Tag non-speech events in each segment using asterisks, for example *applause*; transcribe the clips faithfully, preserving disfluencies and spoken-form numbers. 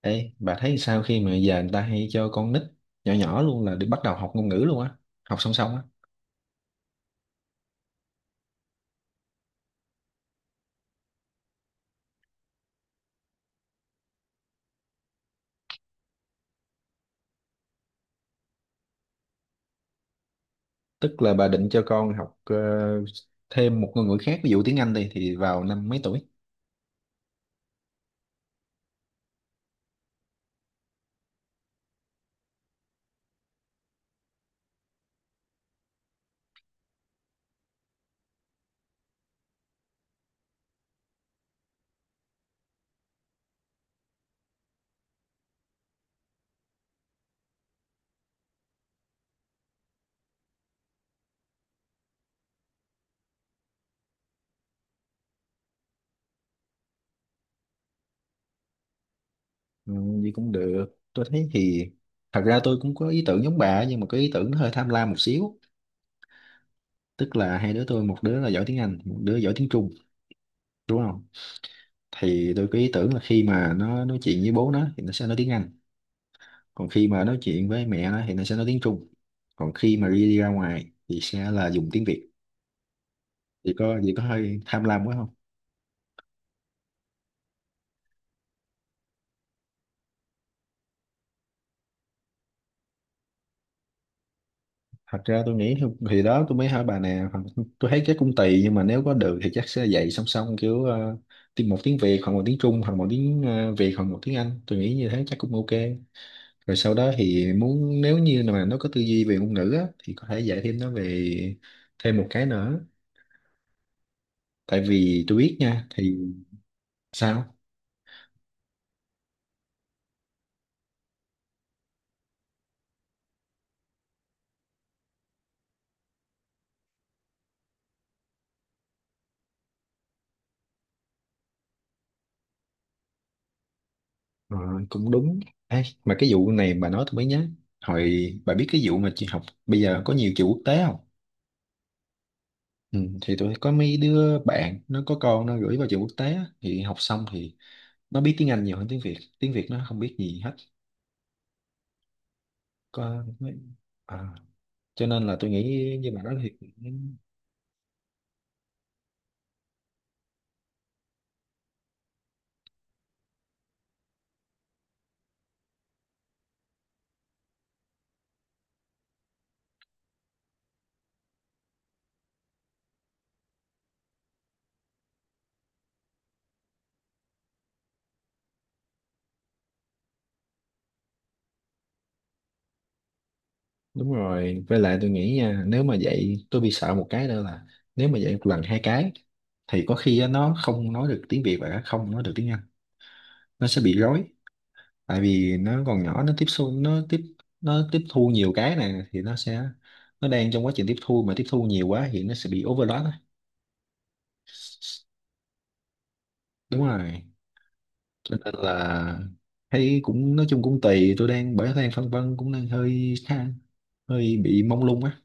Ê, bà thấy sao khi mà giờ người ta hay cho con nít nhỏ nhỏ luôn là đi bắt đầu học ngôn ngữ luôn á, học song song á? Tức là bà định cho con học ờ, thêm một ngôn ngữ khác, ví dụ tiếng Anh đi, thì vào năm mấy tuổi? Ừ, gì cũng được. Tôi thấy thì thật ra tôi cũng có ý tưởng giống bà, nhưng mà cái ý tưởng nó hơi tham lam một xíu. Tức là hai đứa tôi, một đứa là giỏi tiếng Anh, một đứa giỏi tiếng Trung, đúng không? Thì tôi có ý tưởng là khi mà nó nói chuyện với bố nó thì nó sẽ nói tiếng Anh, còn khi mà nói chuyện với mẹ nó thì nó sẽ nói tiếng Trung, còn khi mà đi, đi ra ngoài thì sẽ là dùng tiếng Việt. Thì có gì, có hơi tham lam quá không? Thật ra tôi nghĩ thì thì đó, tôi mới hỏi bà nè. Hoặc- tôi thấy chắc cũng tùy, nhưng mà nếu có được thì chắc sẽ dạy song song, kiểu ờ, tiếng một tiếng Việt hoặc một tiếng Trung, hoặc một tiếng ờ, Việt hoặc một tiếng Anh. Tôi nghĩ như thế chắc cũng ok. Rồi sau đó thì muốn, nếu như mà nó có tư duy về ngôn ngữ á, thì có thể dạy thêm nó về thêm một cái nữa, tại vì tôi biết nha, thì... Sao? Rồi, cũng đúng. Ê, mà cái vụ này bà nói tôi mới nhớ. Hồi bà biết cái vụ mà chị học bây giờ có nhiều trường quốc tế không? Ừ, thì tôi có mấy đứa bạn nó có con nó gửi vào trường quốc tế á, thì học xong thì nó biết tiếng Anh nhiều hơn tiếng Việt. Tiếng Việt nó không biết gì hết. Có à, cho nên là tôi nghĩ như bà nói thì đúng rồi. Với lại tôi nghĩ nha, nếu mà vậy tôi bị sợ một cái nữa là, nếu mà vậy một lần hai cái thì có khi á, nó không nói được tiếng Việt và không nói được tiếng Anh. Nó sẽ bị rối. Tại vì nó còn nhỏ, nó tiếp xúc nó tiếp nó tiếp thu nhiều cái này thì nó sẽ nó đang trong quá trình tiếp thu, mà tiếp thu nhiều quá thì nó sẽ bị overload á. Đúng rồi, cho nên là thấy cũng nói chung cũng tùy. Tôi đang bởi đang phân vân, cũng đang hơi khá, hơi bị mông lung á.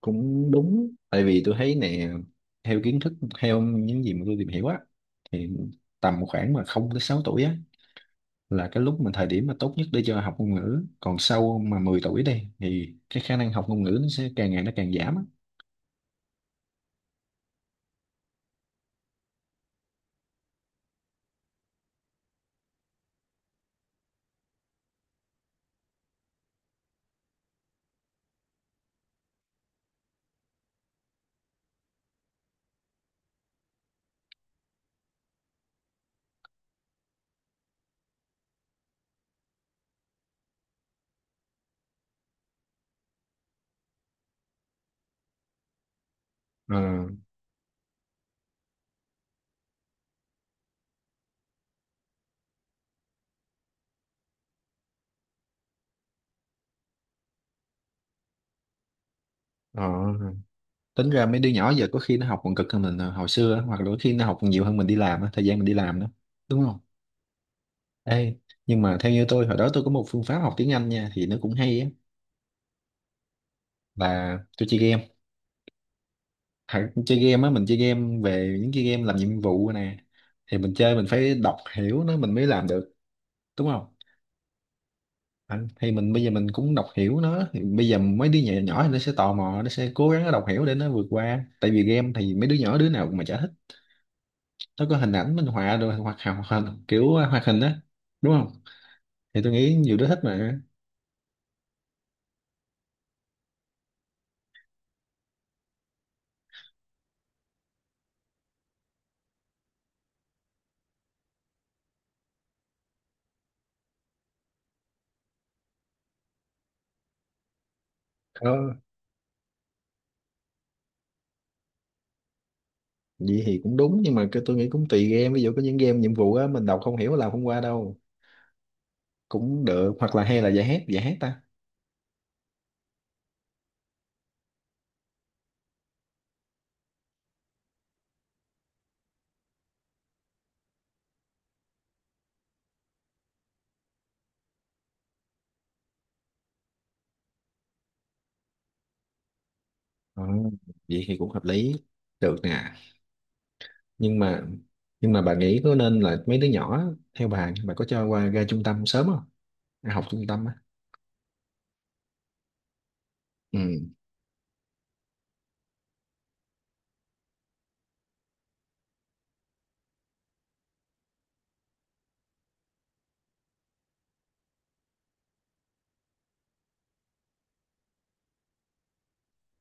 Cũng đúng, tại vì tôi thấy nè, theo kiến thức, theo những gì mà tôi tìm hiểu á, thì tầm khoảng mà không tới sáu tuổi á là cái lúc mà thời điểm mà tốt nhất để cho học ngôn ngữ, còn sau mà mười tuổi đi thì cái khả năng học ngôn ngữ nó sẽ càng ngày nó càng giảm á. Ờ. Ờ. Tính ra mấy đứa nhỏ giờ có khi nó học còn cực hơn mình ờ, hồi xưa á, hoặc là có khi nó học còn nhiều hơn mình đi làm á, thời gian mình đi làm đó, đúng không? Ê, nhưng mà theo như tôi, hồi đó tôi có một phương pháp học tiếng Anh nha, thì nó cũng hay á, là tôi chơi game. Thật, chơi game á, mình chơi game về những cái game làm nhiệm vụ nè, thì mình chơi mình phải đọc hiểu nó mình mới làm được, đúng không? Anh thì mình bây giờ mình cũng đọc hiểu nó, thì bây giờ mấy đứa nhỏ nhỏ nó sẽ tò mò, nó sẽ cố gắng nó đọc hiểu để nó vượt qua, tại vì game thì mấy đứa nhỏ đứa nào mà chả thích. Nó có hình ảnh minh họa rồi, hoặc hoặc hoặc kiểu hoạt hình á, đúng không? Thì tôi nghĩ nhiều đứa thích mà. ờ, Vậy thì cũng đúng, nhưng mà cái tôi nghĩ cũng tùy game, ví dụ có những game nhiệm vụ á mình đọc không hiểu làm không qua đâu. Cũng được, hoặc là hay là giải hát, giải hát ta. Ờ, vậy thì cũng hợp lý, được nè. Nhưng mà nhưng mà bà nghĩ có nên là mấy đứa nhỏ á, theo bà bà có cho qua ra trung tâm sớm không, ra học trung tâm á? Ừ.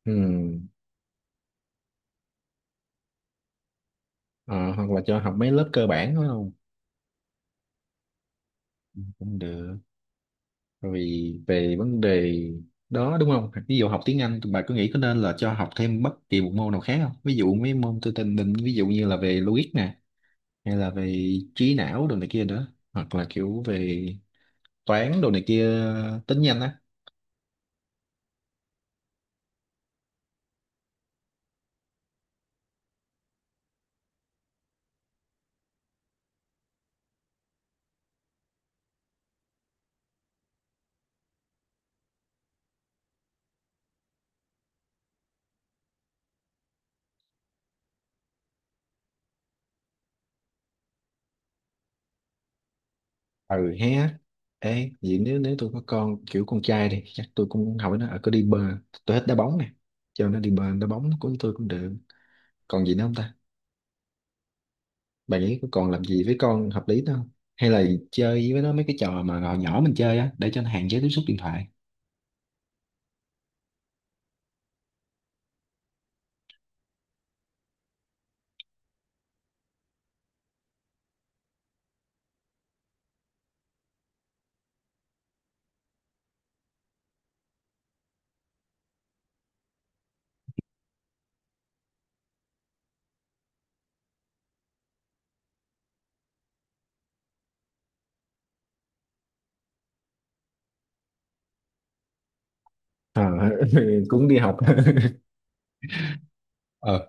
Ừ. Ờ, hoặc là cho học mấy lớp cơ bản đó không, cũng được. Bởi vì về vấn đề đó đúng không, ví dụ học tiếng Anh, bà có nghĩ có nên là cho học thêm bất kỳ một môn nào khác không, ví dụ mấy môn tôi tình định ví dụ như là về logic nè, hay là về trí não đồ này kia nữa, hoặc là kiểu về toán đồ này kia, tính nhanh á? Ừ hé. Ê, vậy nếu nếu tôi có con kiểu con trai đi, chắc tôi cũng hỏi nó ở có đi bơi. Tôi thích đá bóng nè, cho nó đi bơi đá bóng của tôi cũng được. Còn gì nữa không ta? Bạn nghĩ có còn làm gì với con hợp lý nữa không? Hay là chơi với nó mấy cái trò mà hồi nhỏ mình chơi á, để cho nó hạn chế tiếp xúc điện thoại? Ờ. *laughs* Cũng đi học. *laughs* Ờ.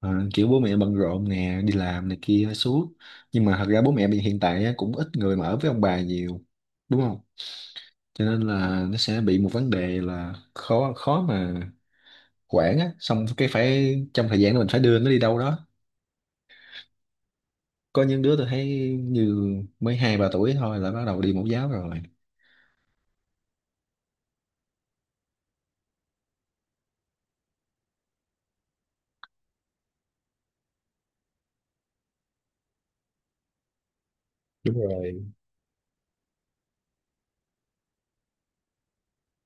Ờ, kiểu bố mẹ bận rộn nè, đi làm này kia suốt, nhưng mà thật ra bố mẹ bây hiện tại á, cũng ít người mà ở với ông bà nhiều, đúng không? Cho nên là nó sẽ bị một vấn đề là khó, khó mà quảng á, xong cái phải trong thời gian đó mình phải đưa nó đi đâu đó. Có những đứa tôi thấy như mới hai ba tuổi thôi là bắt đầu đi mẫu giáo rồi. Đúng rồi.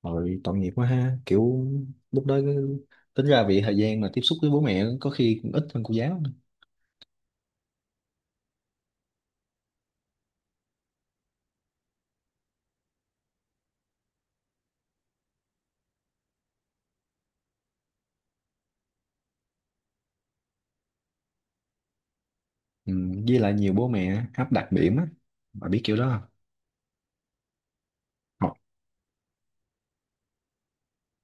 Rồi, tội nghiệp quá ha, kiểu lúc đó cứ- tính ra vì thời gian mà tiếp xúc với bố mẹ có khi cũng ít hơn cô giáo nữa. Ừ, với lại nhiều bố mẹ áp đặt điểm á, bà biết kiểu đó không? Học,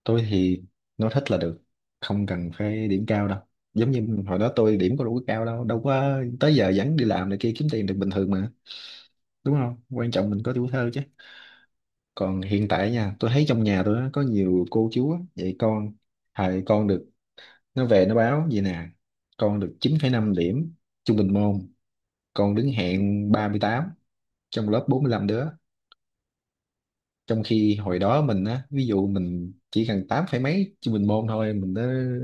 tôi thì nó thích là được, không cần phải điểm cao đâu. Giống như hồi đó tôi điểm có đủ cao đâu, đâu, có tới giờ vẫn đi làm này kia kiếm tiền được bình thường mà, đúng không? Quan trọng mình có tuổi thơ chứ. Còn hiện tại nha, tôi thấy trong nhà tôi á, có nhiều cô chú á, dạy con, thầy con được, nó về nó báo vậy nè: con được chín phẩy năm điểm trung bình môn, con đứng hạng ba mươi tám trong lớp bốn mươi lăm đứa. Trong khi hồi đó mình á, ví dụ mình chỉ cần tám phẩy mấy trung bình môn thôi mình đã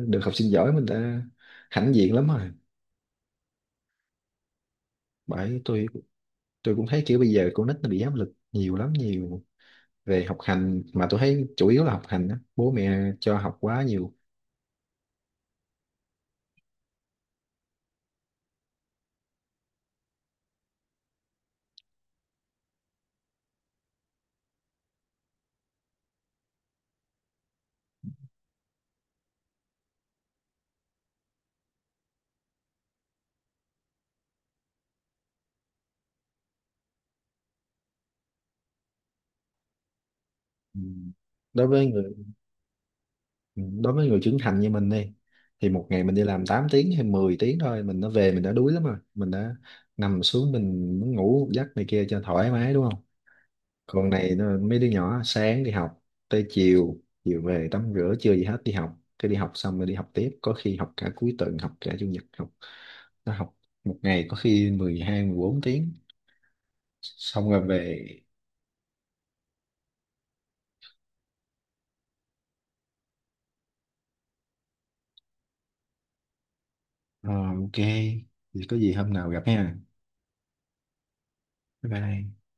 được học sinh giỏi, mình đã hãnh diện lắm rồi. Bởi tôi tôi cũng thấy kiểu bây giờ con nít nó bị áp lực nhiều lắm, nhiều về học hành. Mà tôi thấy chủ yếu là học hành á, bố mẹ cho học quá nhiều. Ừ. đối với người Ừ, đối với người trưởng thành như mình đi, thì một ngày mình đi làm tám tiếng hay mười tiếng thôi mình đã về mình đã đuối lắm rồi, mình đã nằm xuống mình muốn ngủ một giấc này kia cho thoải mái, đúng không? Còn này nó- mấy đứa nhỏ sáng đi học, tới chiều, chiều về tắm rửa chưa gì hết đi học, cái đi học xong rồi đi học tiếp, có khi học cả cuối tuần, học cả chủ nhật học. Nó học một ngày có khi mười hai mười bốn tiếng, xong rồi về. Ờ, ok, thì có gì hôm nào gặp ha. Bye bye.